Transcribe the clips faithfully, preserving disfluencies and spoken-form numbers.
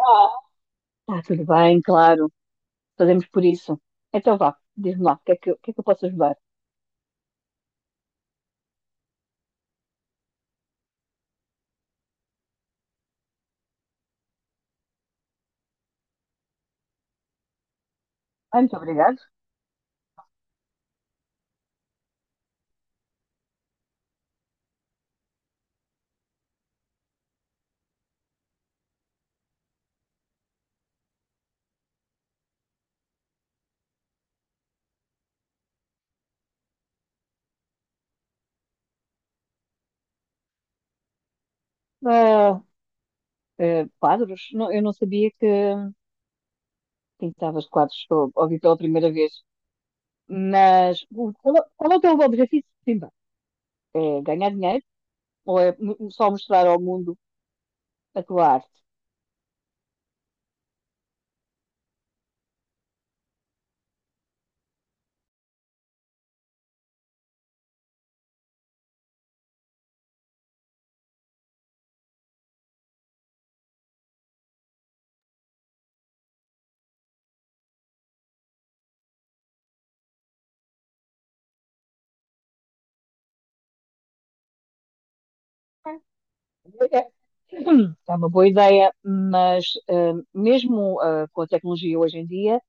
Ah, tá, tudo bem, claro. Fazemos por isso. Então vá, diz-me lá, o que é que, eu- o que é que eu posso ajudar? Ah, muito obrigado. Ah, eh, Quadros? Não, eu não sabia que pintavas quadros, só ouvi pela primeira vez. Mas o- qual, é qual é o teu objetivo? Sim, bem, é ganhar dinheiro ou é mo- só mostrar ao mundo a tua arte? É é uma boa ideia, mas ah, mesmo ah, com a tecnologia hoje em dia,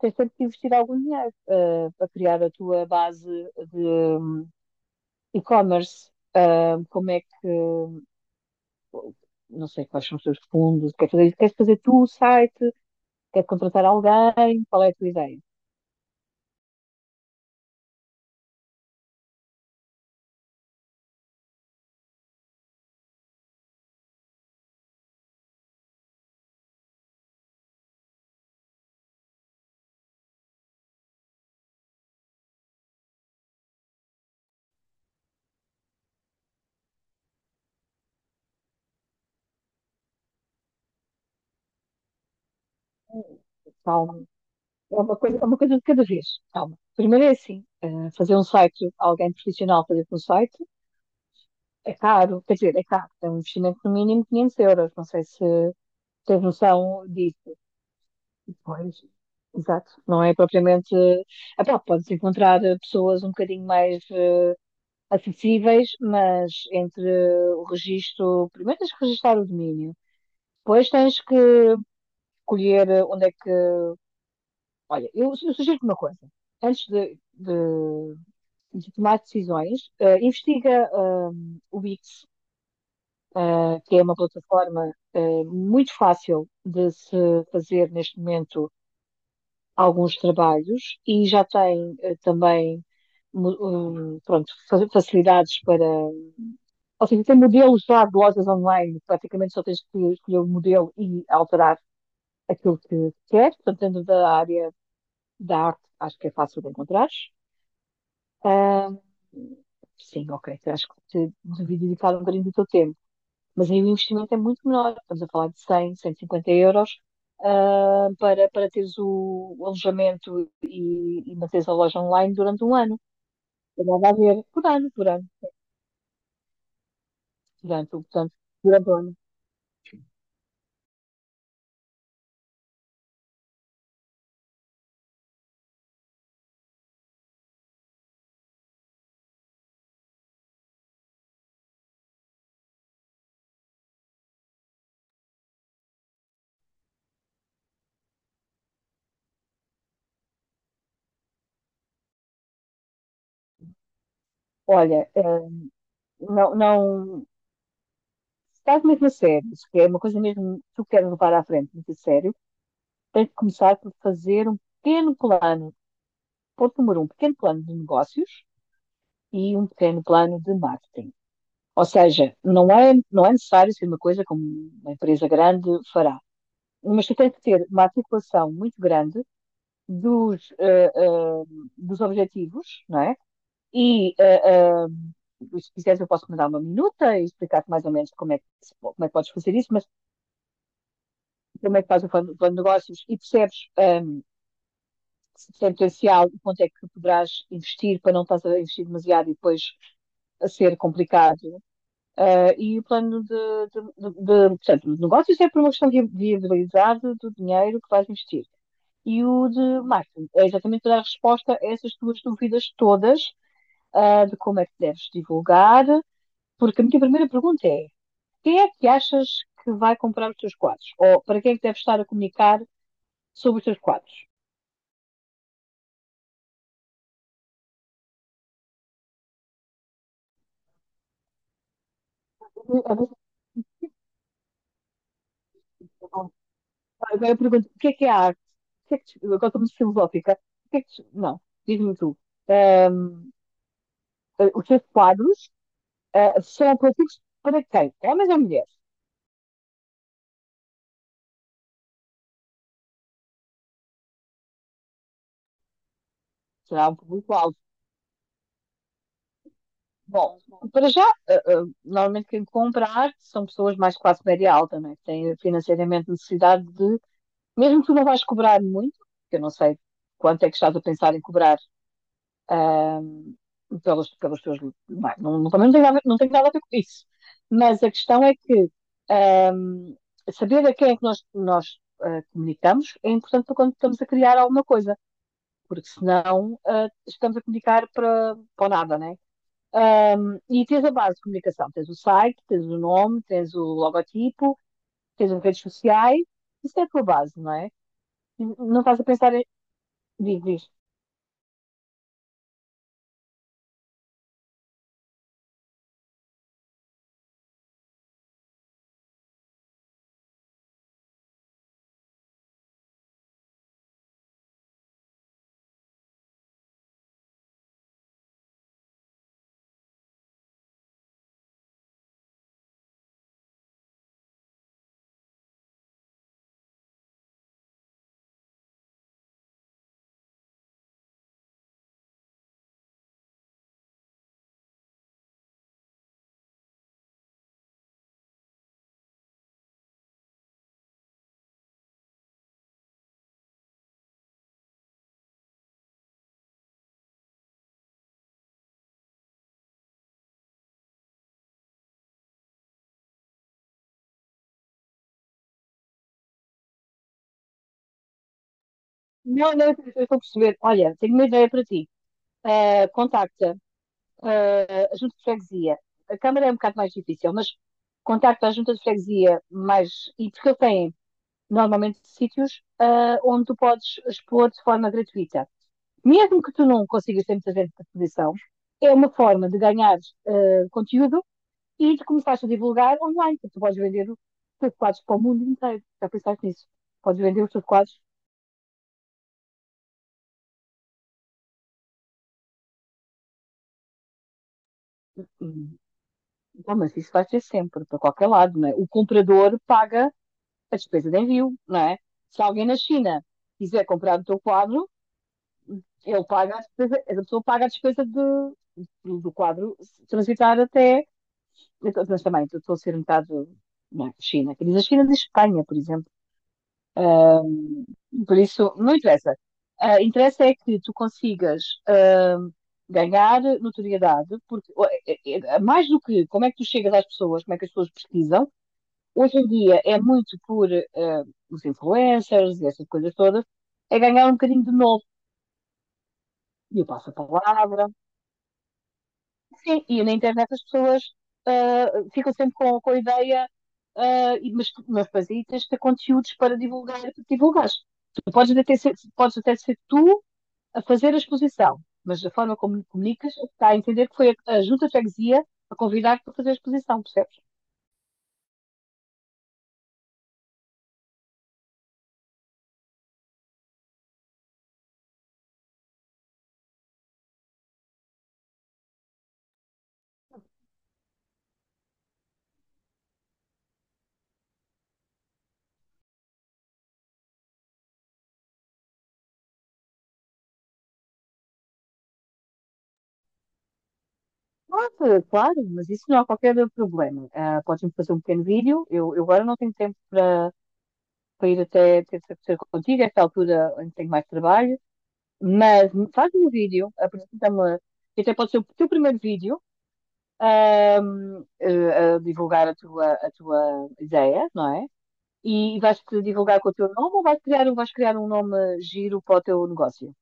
tens sempre que investir algum dinheiro ah, para criar a tua base de hum, e-commerce. Ah, como é que. Não sei quais são os teus fundos, queres fazer, queres fazer tu o site, queres contratar alguém, qual é a tua ideia? Calma, é uma coisa, é uma coisa de cada vez. Calma. Primeiro é assim, ah, fazer um site, alguém profissional fazer-te um site, é caro, quer dizer, é caro, é um investimento no mínimo quinhentos euros, não sei se tens noção disso. Pois, exato. Não é propriamente. Ah, pá, podes encontrar eh, pessoas um bocadinho mais eh, acessíveis, mas entre o registro. Primeiro tens que registrar o domínio, depois tens que escolher eh, onde é que. Olha, eu, eu sugiro-te uma coisa. Antes de, de- de tomar decisões, eh, investiga hum, o Wix, eh, que é uma plataforma eh, muito fácil de se fazer neste momento alguns trabalhos e já tem eh, também mu- um, pronto, fa- facilidades para. Ou seja, tem modelos já de lojas online, praticamente só tens que escolher o modelo e alterar aquilo que queres, portanto, dentro da área da arte, acho que é fácil de encontrar. Ah, sim, ok, acho que te devia dedicar um bocadinho do teu tempo. Mas aí o investimento é muito menor. Estamos a falar de cem, cento e cinquenta euros, ah, para, para teres o, o alojamento e, e manteres a loja online durante um ano. Eu não vai ver por ano, por ano, durante, portanto, durante o ano. Olha, ah, não, não, se estás mesmo a sério, se é uma coisa mesmo que tu queres levar à frente, muito a sério, tens de começar por fazer um pequeno plano, ponto número um, pequeno plano de negócios e um pequeno plano de marketing. Ou seja, não é, não é necessário ser uma coisa como uma empresa grande fará, mas tu tens que ter uma articulação muito grande dos, uh, uh, dos objetivos, não é? E uh, uh, se quiseres eu posso mandar uma minuta e explicar-te mais ou menos como é, que, como é que podes fazer isso, mas como é que fazes o plano de negócios e percebes um, se tem potencial e quanto é que poderás investir para não estás a investir demasiado e depois a ser complicado. Eh, e o plano de, de, de- de- portanto, de negócios é por uma questão de viabilidade do dinheiro que vais investir. E o de marketing é exatamente para dar resposta a essas tuas dúvidas todas, ah, de como é que deves divulgar, porque a minha primeira pergunta é: quem é que achas que vai comprar os teus quadros? Ou para quem é que deves estar a comunicar sobre os teus quadros? Agora eu pergunto: o que é que é a arte? O que é que te- Agora estou muito filosófica. O que é que te- Não, diz-me tu. Ahm, os teus quadros ah, serão atrativos para quem? Homens ou mulheres? Será um público-alvo? Bom, para já, ah, ah, normalmente quem comprar são pessoas mais classe média alta, né? Que têm financeiramente necessidade de, mesmo que tu não vais cobrar muito, que eu não sei quanto é que estás a pensar em cobrar pelos, pelos teus livros. Não, é? Não, também não tem, nada, a ver- não tem nada a ver com isso. Mas a questão é que ahm, saber a quem é que nós, nós ah, comunicamos é importante para quando estamos a criar alguma coisa. Porque senão uh, estamos a comunicar para, para nada, né? Um, e tens a base de comunicação, tens o site, tens o nome, tens o logotipo, tens as redes sociais, isso é a tua base, não é? Não estás a pensar em. Diz, diz. Não, não, eu estou a perceber. Olha, tenho uma ideia para ti. Uh, contacta uh, a Junta de Freguesia. A Câmara é um bocado mais difícil, mas contacta a Junta de Freguesia mais. E porque eu tenho normalmente sítios uh, onde tu podes expor de forma gratuita. Mesmo que tu não consigas ter muita gente da posição, é uma forma de ganhar eh, conteúdo e de começares a divulgar online, porque tu podes vender os teus quadros para o mundo inteiro. Já pensaste nisso? Podes vender os teus quadros. Hum, Bom, mas isso vai ser sempre, para qualquer lado, não é? O comprador paga a despesa de envio, não é? Se alguém na China quiser comprar o teu quadro, ele paga a despesa, a pessoa paga a despesa de, do quadro se transitar até. Então, mas também estou estou a ser um bocado na China. Quem diz a China diz Espanha, por exemplo. Por isso, não interessa. Ah, interessa é que tu consigas ah, ganhar notoriedade, porque ó, é- é- é- mais do que como é que tu chegas às pessoas, como é que as pessoas pesquisam, hoje em dia é muito por ah, os influencers e essas coisas todas, é ganhar um bocadinho de novo. E o passo a palavra, sim, e na internet as pessoas ah, ficam sempre com, com a ideia, ah, e- mas, tu- mas depois aí tens de ter conteúdos para divulgar, para divulgares. Tu podes até ser, podes até ser tu a fazer a exposição, mas da forma como comunicas, está a entender que foi a, a junta de freguesia a convidar-te para fazer a exposição, percebes? Pode, claro, mas isso não há qualquer problema. Ah, podes-me fazer um pequeno vídeo, eu, eu agora não tenho tempo para, para ir até ter ter contigo, a esta altura em que tenho mais trabalho. Mas faz um vídeo, apresenta-me, que até pode ser o teu primeiro vídeo, ahm, eh, a divulgar a tua, a tua ideia, não é? E vais-te divulgar com o teu nome ou vais criar, um- vais criar um nome giro para o teu negócio?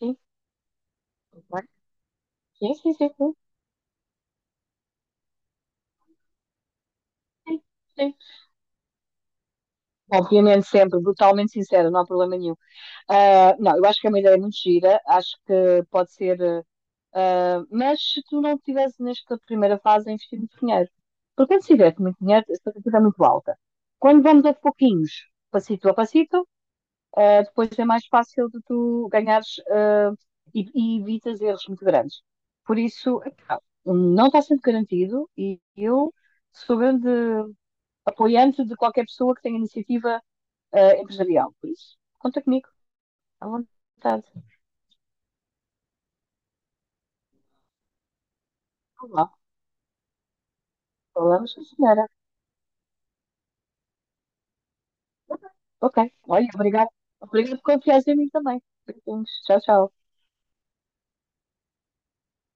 Sim, ok. sim, sim, sim, sim, sim. Sim. Obviamente sempre, brutalmente sincero, não há problema nenhum. Ah, não, eu acho que é uma ideia muito gira, acho que pode ser. Ah, mas se tu não tivesse nesta primeira fase a investir muito dinheiro, porque quando se tiver muito dinheiro, a expectativa é muito alta. Quando vamos a pouquinhos, passito a passito, ah, depois é mais fácil de tu ganhares, ah, e, e evitas erros muito grandes. Por isso, epá, um, não está sempre garantido e eu sou grande apoiante de qualquer pessoa que tenha iniciativa, ah, empresarial. Por isso, conta comigo, à vontade. Olá, olá, senhora. Ok, olha, obrigada. Obrigada por confiar em mim também. Beijinhos, tchau, tchau.